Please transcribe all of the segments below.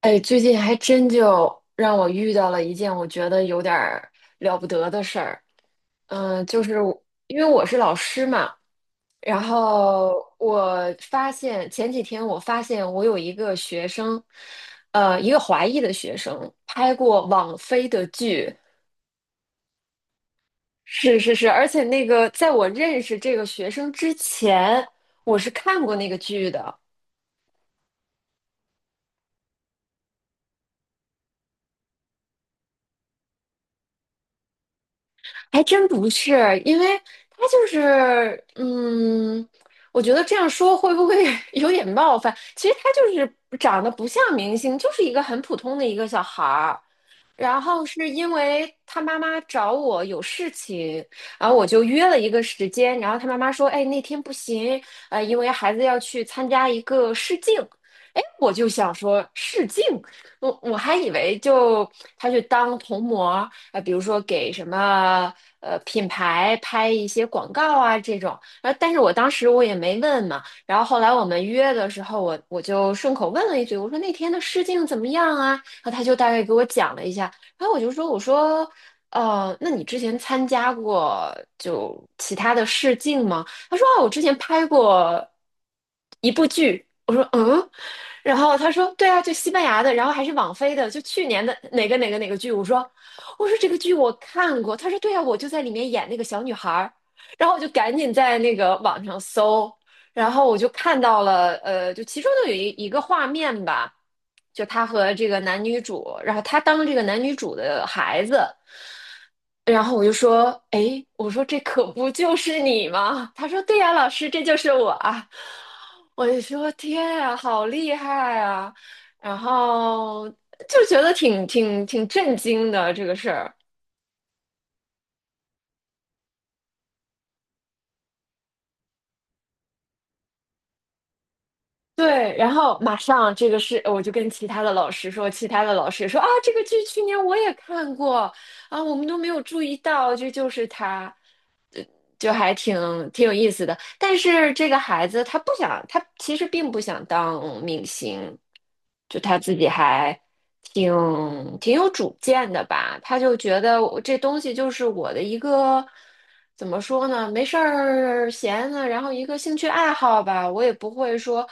哎，最近还真就让我遇到了一件我觉得有点儿了不得的事儿。就是因为我是老师嘛，然后我发现前几天我发现我有一个学生，一个华裔的学生拍过网飞的剧，是是是，而且那个在我认识这个学生之前，我是看过那个剧的。还真不是，因为他就是，嗯，我觉得这样说会不会 有点冒犯？其实他就是长得不像明星，就是一个很普通的一个小孩儿。然后是因为他妈妈找我有事情，然后我就约了一个时间，然后他妈妈说，哎，那天不行，因为孩子要去参加一个试镜。哎，我就想说试镜，我还以为他去当童模，比如说给什么品牌拍一些广告啊这种，但是我当时也没问嘛，然后后来我们约的时候，我就顺口问了一句，我说那天的试镜怎么样啊？然后他就大概给我讲了一下，然后我就说，那你之前参加过其他的试镜吗？他说，啊，我之前拍过一部剧。我说，嗯，然后他说对啊，就西班牙的，然后还是网飞的，就去年的哪个剧。我说这个剧我看过。他说对啊，我就在里面演那个小女孩儿。然后我就赶紧在那个网上搜，然后我就看到了，就其中的有一个画面吧，就他和这个男女主，然后他当这个男女主的孩子。然后我就说，哎，我说这可不就是你吗？他说，对呀，老师，这就是我啊。我就说，天啊，好厉害啊！然后就觉得挺震惊的这个事儿。对，然后马上这个是，我就跟其他的老师说，其他的老师说啊，这个剧去年我也看过啊，我们都没有注意到，这就是他，就还挺有意思的。但是这个孩子他不想，他其实并不想当明星，就他自己还挺挺有主见的吧，他就觉得我这东西就是我的一个怎么说呢，没事儿闲呢，然后一个兴趣爱好吧，我也不会说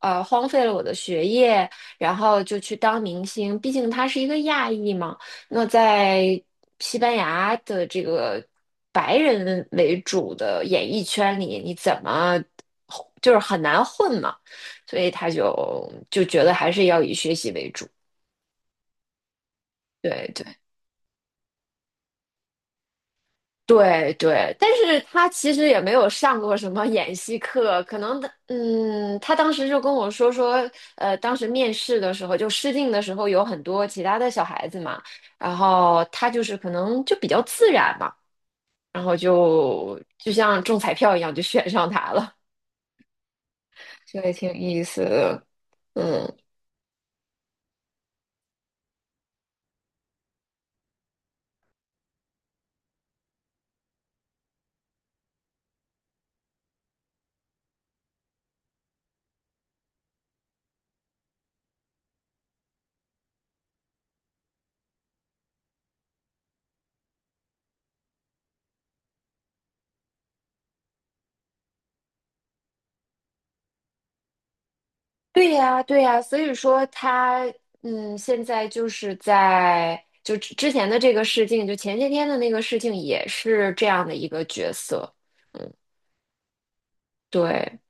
荒废了我的学业，然后就去当明星，毕竟他是一个亚裔嘛，那在西班牙的这个白人为主的演艺圈里，你怎么就是很难混嘛。所以他就觉得还是要以学习为主。对对对对，但是他其实也没有上过什么演戏课，可能的，嗯，他当时就跟我说，当时面试的时候就试镜的时候有很多其他的小孩子嘛，然后他就是可能就比较自然嘛，然后就像中彩票一样就选上他了。这也挺有意思的，嗯。对呀，对呀，所以说他，嗯，现在就是在之前的这个事情，就前些天的那个事情，也是这样的一个角色。对，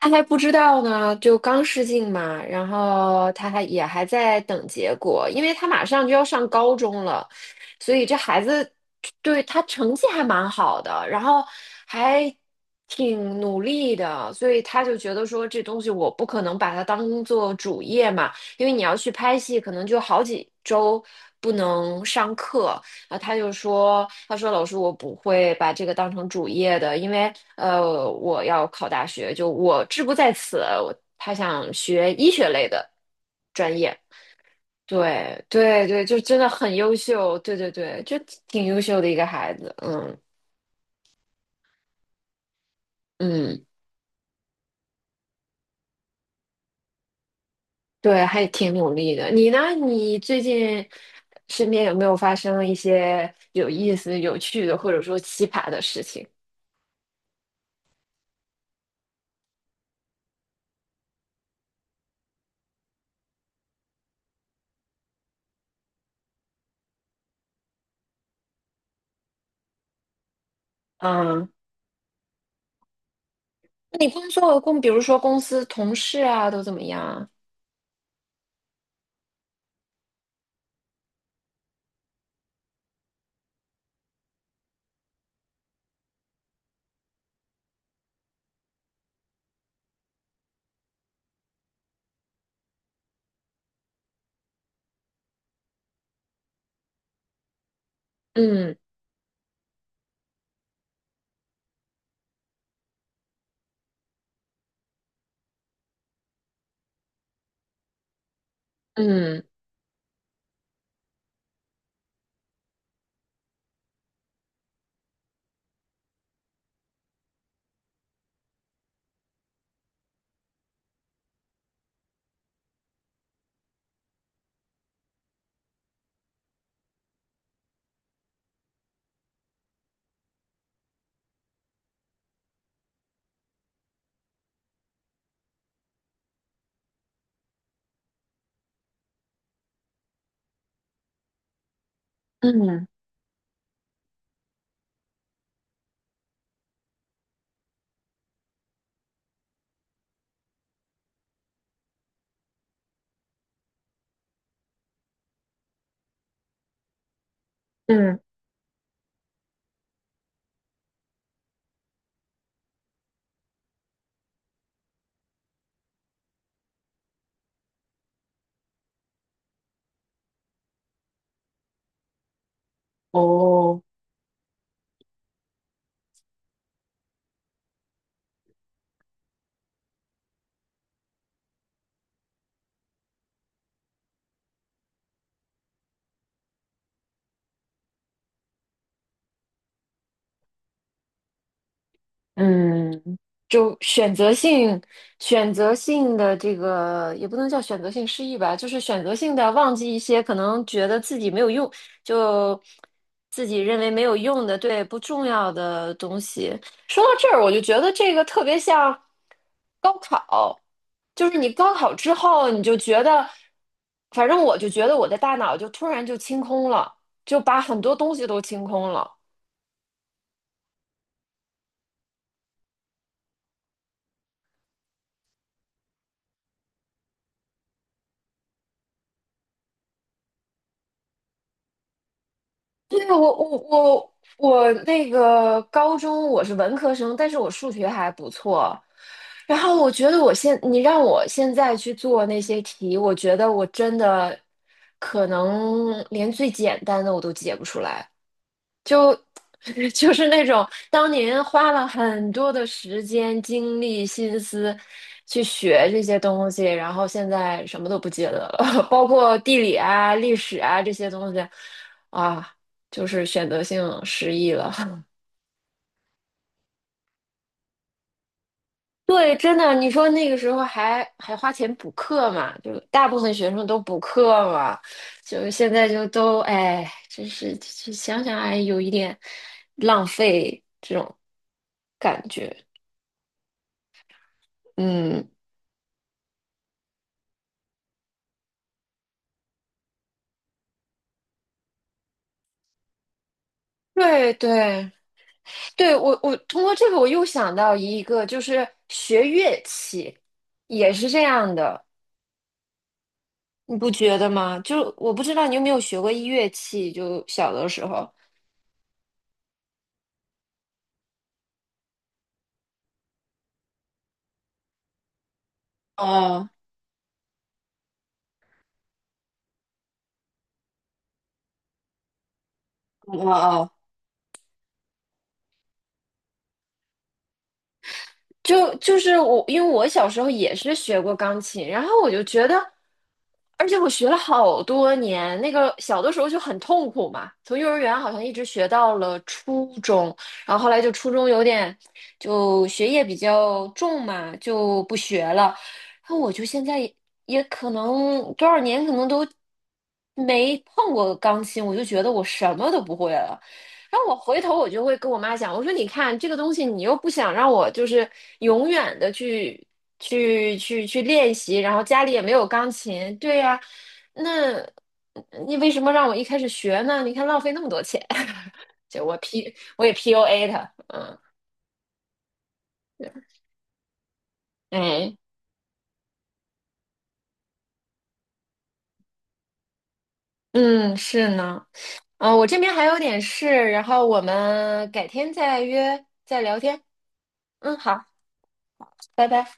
他还不知道呢，就刚试镜嘛，然后他还也还在等结果，因为他马上就要上高中了，所以这孩子对他成绩还蛮好的，然后还挺努力的，所以他就觉得说这东西我不可能把它当做主业嘛，因为你要去拍戏，可能就好几周不能上课。啊，他就说，他说老师，我不会把这个当成主业的，因为我要考大学，就我志不在此。他想学医学类的专业，对对对，就真的很优秀，对对对，就挺优秀的一个孩子，嗯嗯，对，还挺努力的。你呢？你最近身边有没有发生一些有意思、有趣的，或者说奇葩的事情？嗯。你工作说我公，比如说公司同事啊，都怎么样啊？嗯嗯嗯嗯，哦，嗯，就选择性、选择性的这个也不能叫选择性失忆吧，就是选择性的忘记一些可能觉得自己没有用，就自己认为没有用的，对，不重要的东西。说到这儿，我就觉得这个特别像高考，就是你高考之后，你就觉得，反正我就觉得我的大脑就突然就清空了，就把很多东西都清空了。对啊，我那个高中我是文科生，但是我数学还不错。然后我觉得你让我现在去做那些题，我觉得我真的可能连最简单的我都解不出来。就是那种当年花了很多的时间、精力、心思去学这些东西，然后现在什么都不记得了，包括地理啊、历史啊这些东西，啊，就是选择性失忆了。对，真的，你说那个时候还花钱补课嘛？就大部分学生都补课嘛，就现在就都哎，真是就想想哎，有一点浪费这种感觉，嗯。对对对，我通过这个我又想到一个，就是学乐器也是这样的，你不觉得吗？就我不知道你有没有学过乐器，就小的时候。哦哦哦，就是我，因为我小时候也是学过钢琴，然后我就觉得，而且我学了好多年，那个小的时候就很痛苦嘛，从幼儿园好像一直学到了初中，然后后来就初中有点就学业比较重嘛，就不学了，然后我就现在也也可能多少年可能都没碰过钢琴，我就觉得我什么都不会了。然后我回头我就会跟我妈讲，我说你看这个东西，你又不想让我就是永远的去练习，然后家里也没有钢琴，对呀、那你为什么让我一开始学呢？你看浪费那么多钱，就我也 PUA 他，嗯，哎，嗯，是呢，嗯，我这边还有点事，然后我们改天再约再聊天，嗯，好，拜拜。